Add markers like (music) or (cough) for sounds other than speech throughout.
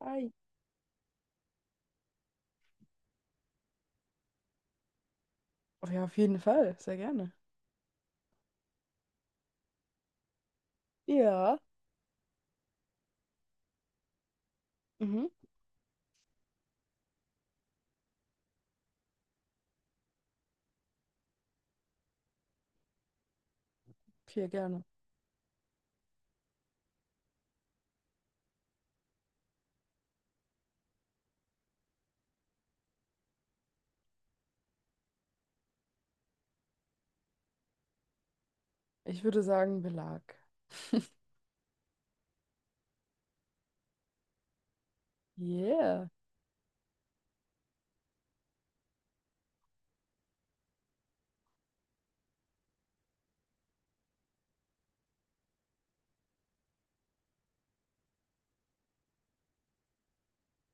Ei. Oh ja, auf jeden Fall. Sehr gerne. Ja. Mhm. Okay, gerne. Ich würde sagen Belag. (laughs) Yeah.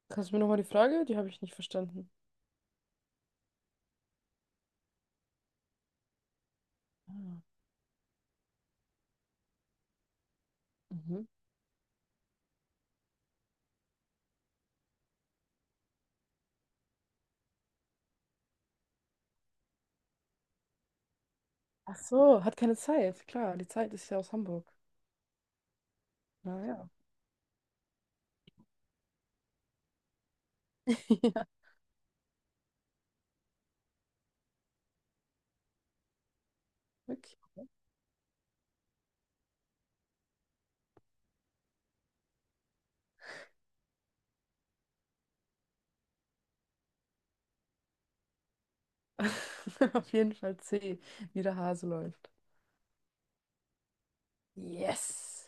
Kannst du mir nochmal die Frage? Die habe ich nicht verstanden. Ah. Mhm. Ach so, hat keine Zeit. Klar, die Zeit ist ja aus Hamburg. Naja. (laughs) Ja, okay. (laughs) Auf jeden Fall C, wie der Hase läuft. Yes.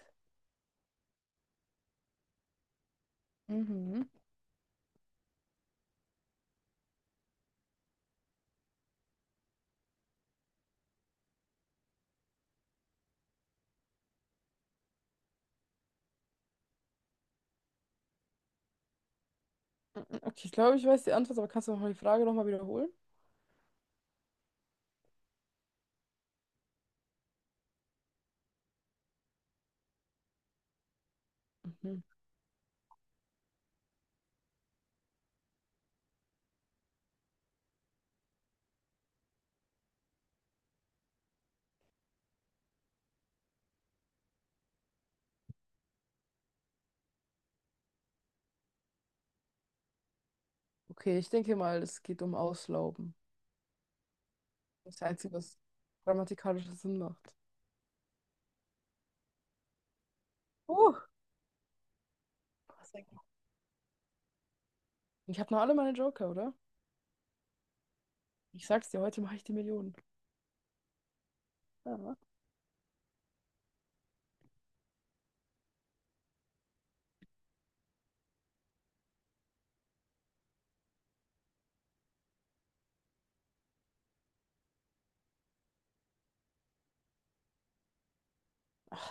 Mhm. Okay, ich glaube, ich weiß die Antwort, aber kannst du noch mal die Frage nochmal wiederholen? Mhm. Okay, ich denke mal, es geht um Auslauben. Das ist der Einzige, was grammatikalisches Sinn macht. Uh. Was denn? Ich habe noch alle meine Joker, oder? Ich sag's dir, heute mache ich die Millionen. Ja.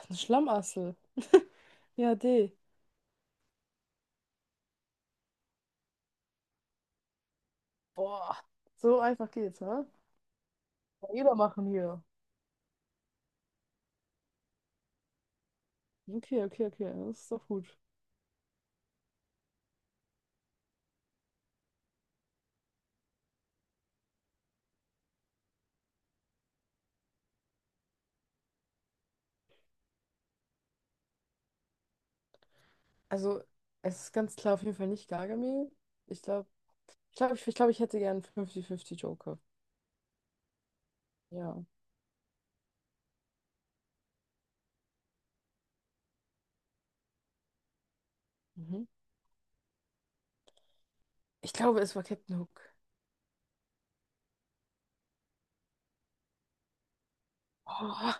Ein Schlammassel. Ja, D. Boah, so einfach geht's, ne? Kann Jeder machen hier. Okay, okay, okay, das ist doch gut. Also, es ist ganz klar auf jeden Fall nicht Gargamel. Ich glaube, ich glaube, glaub, ich hätte gern fünfzig fünfzig Joker. Ja. Mhm. Ich glaube, es war Captain Hook. Oh,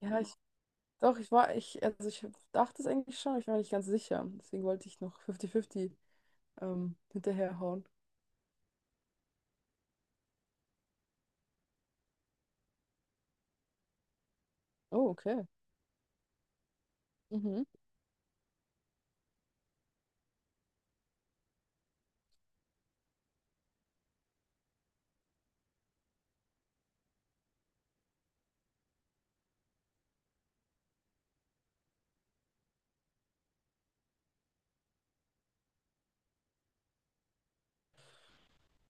ja, doch, also ich dachte es eigentlich schon, aber ich war nicht ganz sicher. Deswegen wollte ich noch 50-50 hinterherhauen. Oh, okay. Mhm.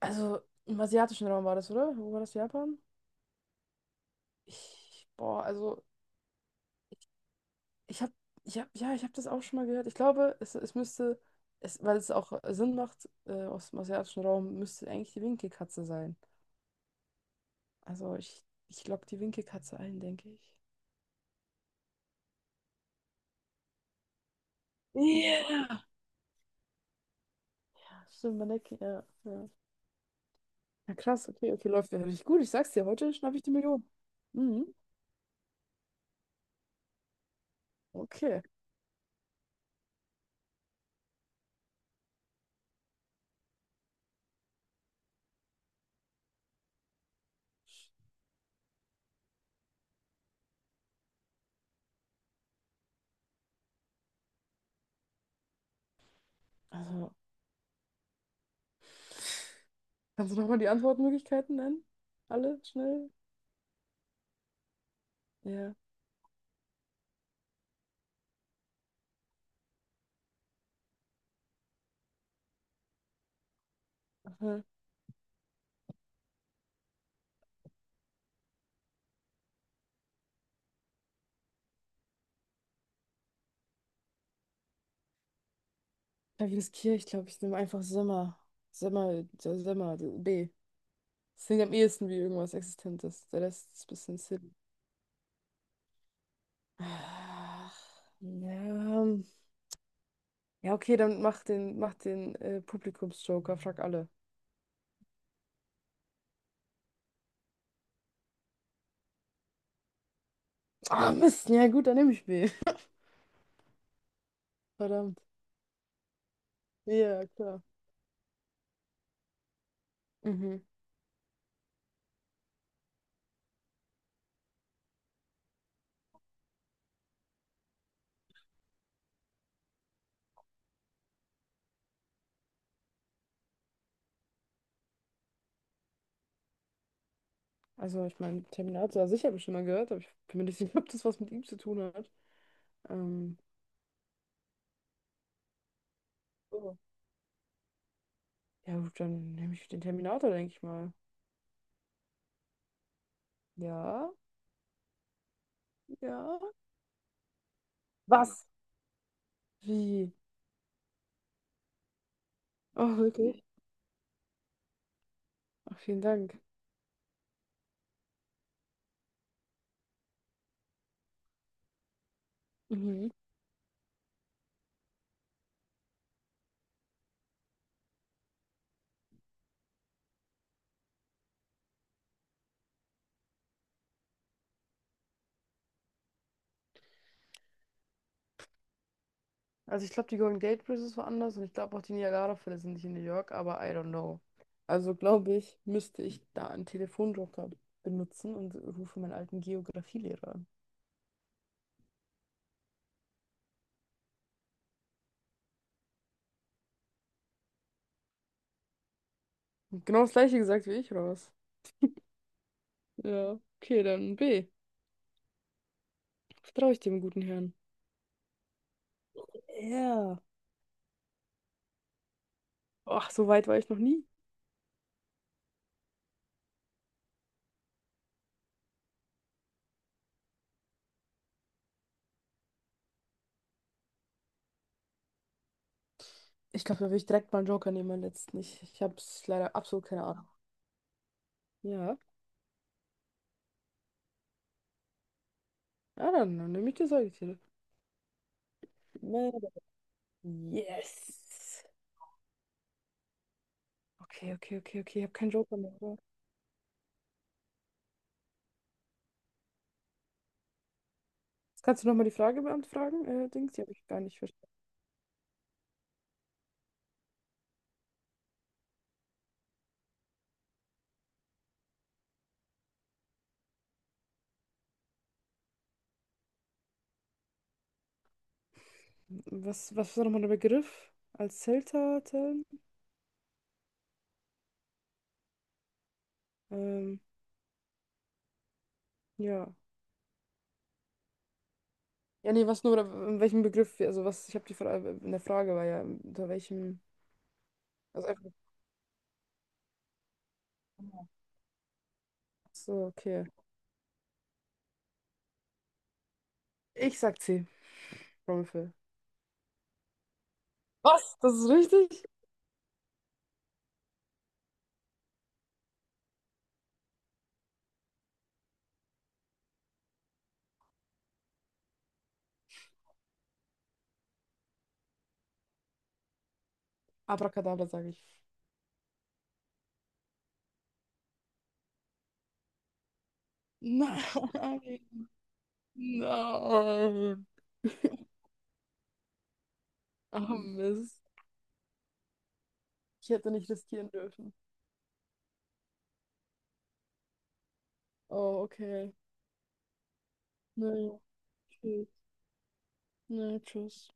Also im asiatischen Raum war das, oder? Wo war das Japan? Also ich, ich habe, ich hab, ja, ich habe das auch schon mal gehört. Ich glaube, weil es auch Sinn macht, aus dem asiatischen Raum müsste eigentlich die Winkelkatze sein. Ich logge die Winkelkatze ein, denke ich. Ja. Stimmt, man denkt, ja, ja. Ja, krass, okay, okay, läuft ja richtig gut. Ich sag's dir, heute schnapp ich die Million. Mhm, okay. Also, kannst du nochmal die Antwortmöglichkeiten nennen? Alle schnell? Ja. Aha. Klavier, ich glaube, ich nehme einfach Sommer. Sommer, Sommer, B. Das klingt am ehesten wie irgendwas Existentes. Der Rest ist ein bisschen silly. Ach, ja. Ja, okay, dann mach den Publikumsjoker, frag alle. Ah, Mist, ja gut, dann nehme ich B. (laughs) Verdammt. Ja, klar. Mhm. Also, ich meine, Terminator, also ich habe ihn schon mal gehört, aber ich bin mir nicht sicher, ob das was mit ihm zu tun hat. Ähm, So. Ja, gut, dann nehme ich den Terminator, denke ich mal. Ja, ja. Was? Wie? Oh, wirklich? Ach, vielen Dank. Mhm. Also ich glaube, die Golden Gate Bridge ist woanders und ich glaube auch die Niagara-Fälle sind nicht in New York, aber I don't know. Also glaube ich, müsste ich da einen Telefonjoker benutzen und rufe meinen alten Geografielehrer an. Genau das gleiche gesagt wie ich, oder was? Ja, okay, dann B. Vertraue ich dem guten Herrn. Ja. Ach, so weit war ich noch nie. Ich glaube, da würde ich direkt mal einen Joker nehmen, meinen letzten. Ich habe es leider absolut keine Ahnung. Ja. Ja, dann nehme ich die Säugetiere. Mörder. Yes. Okay, okay, okay, okay. Ich habe keinen Joker mehr, oder? Jetzt kannst du nochmal die Frage beantworten, fragen, Dings, die habe ich gar nicht verstanden. Was, was war nochmal der Begriff als Zelter? Zellen? Ähm, ja. Ja, nee, was nur, in welchem Begriff, wir- also was, ich habe die Frage, in der Frage war ja, unter welchem, also einfach, so, okay. Ich sag C, Rumpel. Was? Das ist richtig? Abracadabra, sage ich. Nein, (laughs) nein. Ah, Mist. Ich hätte nicht riskieren dürfen. Oh, okay. Naja, tschüss. Naja, tschüss.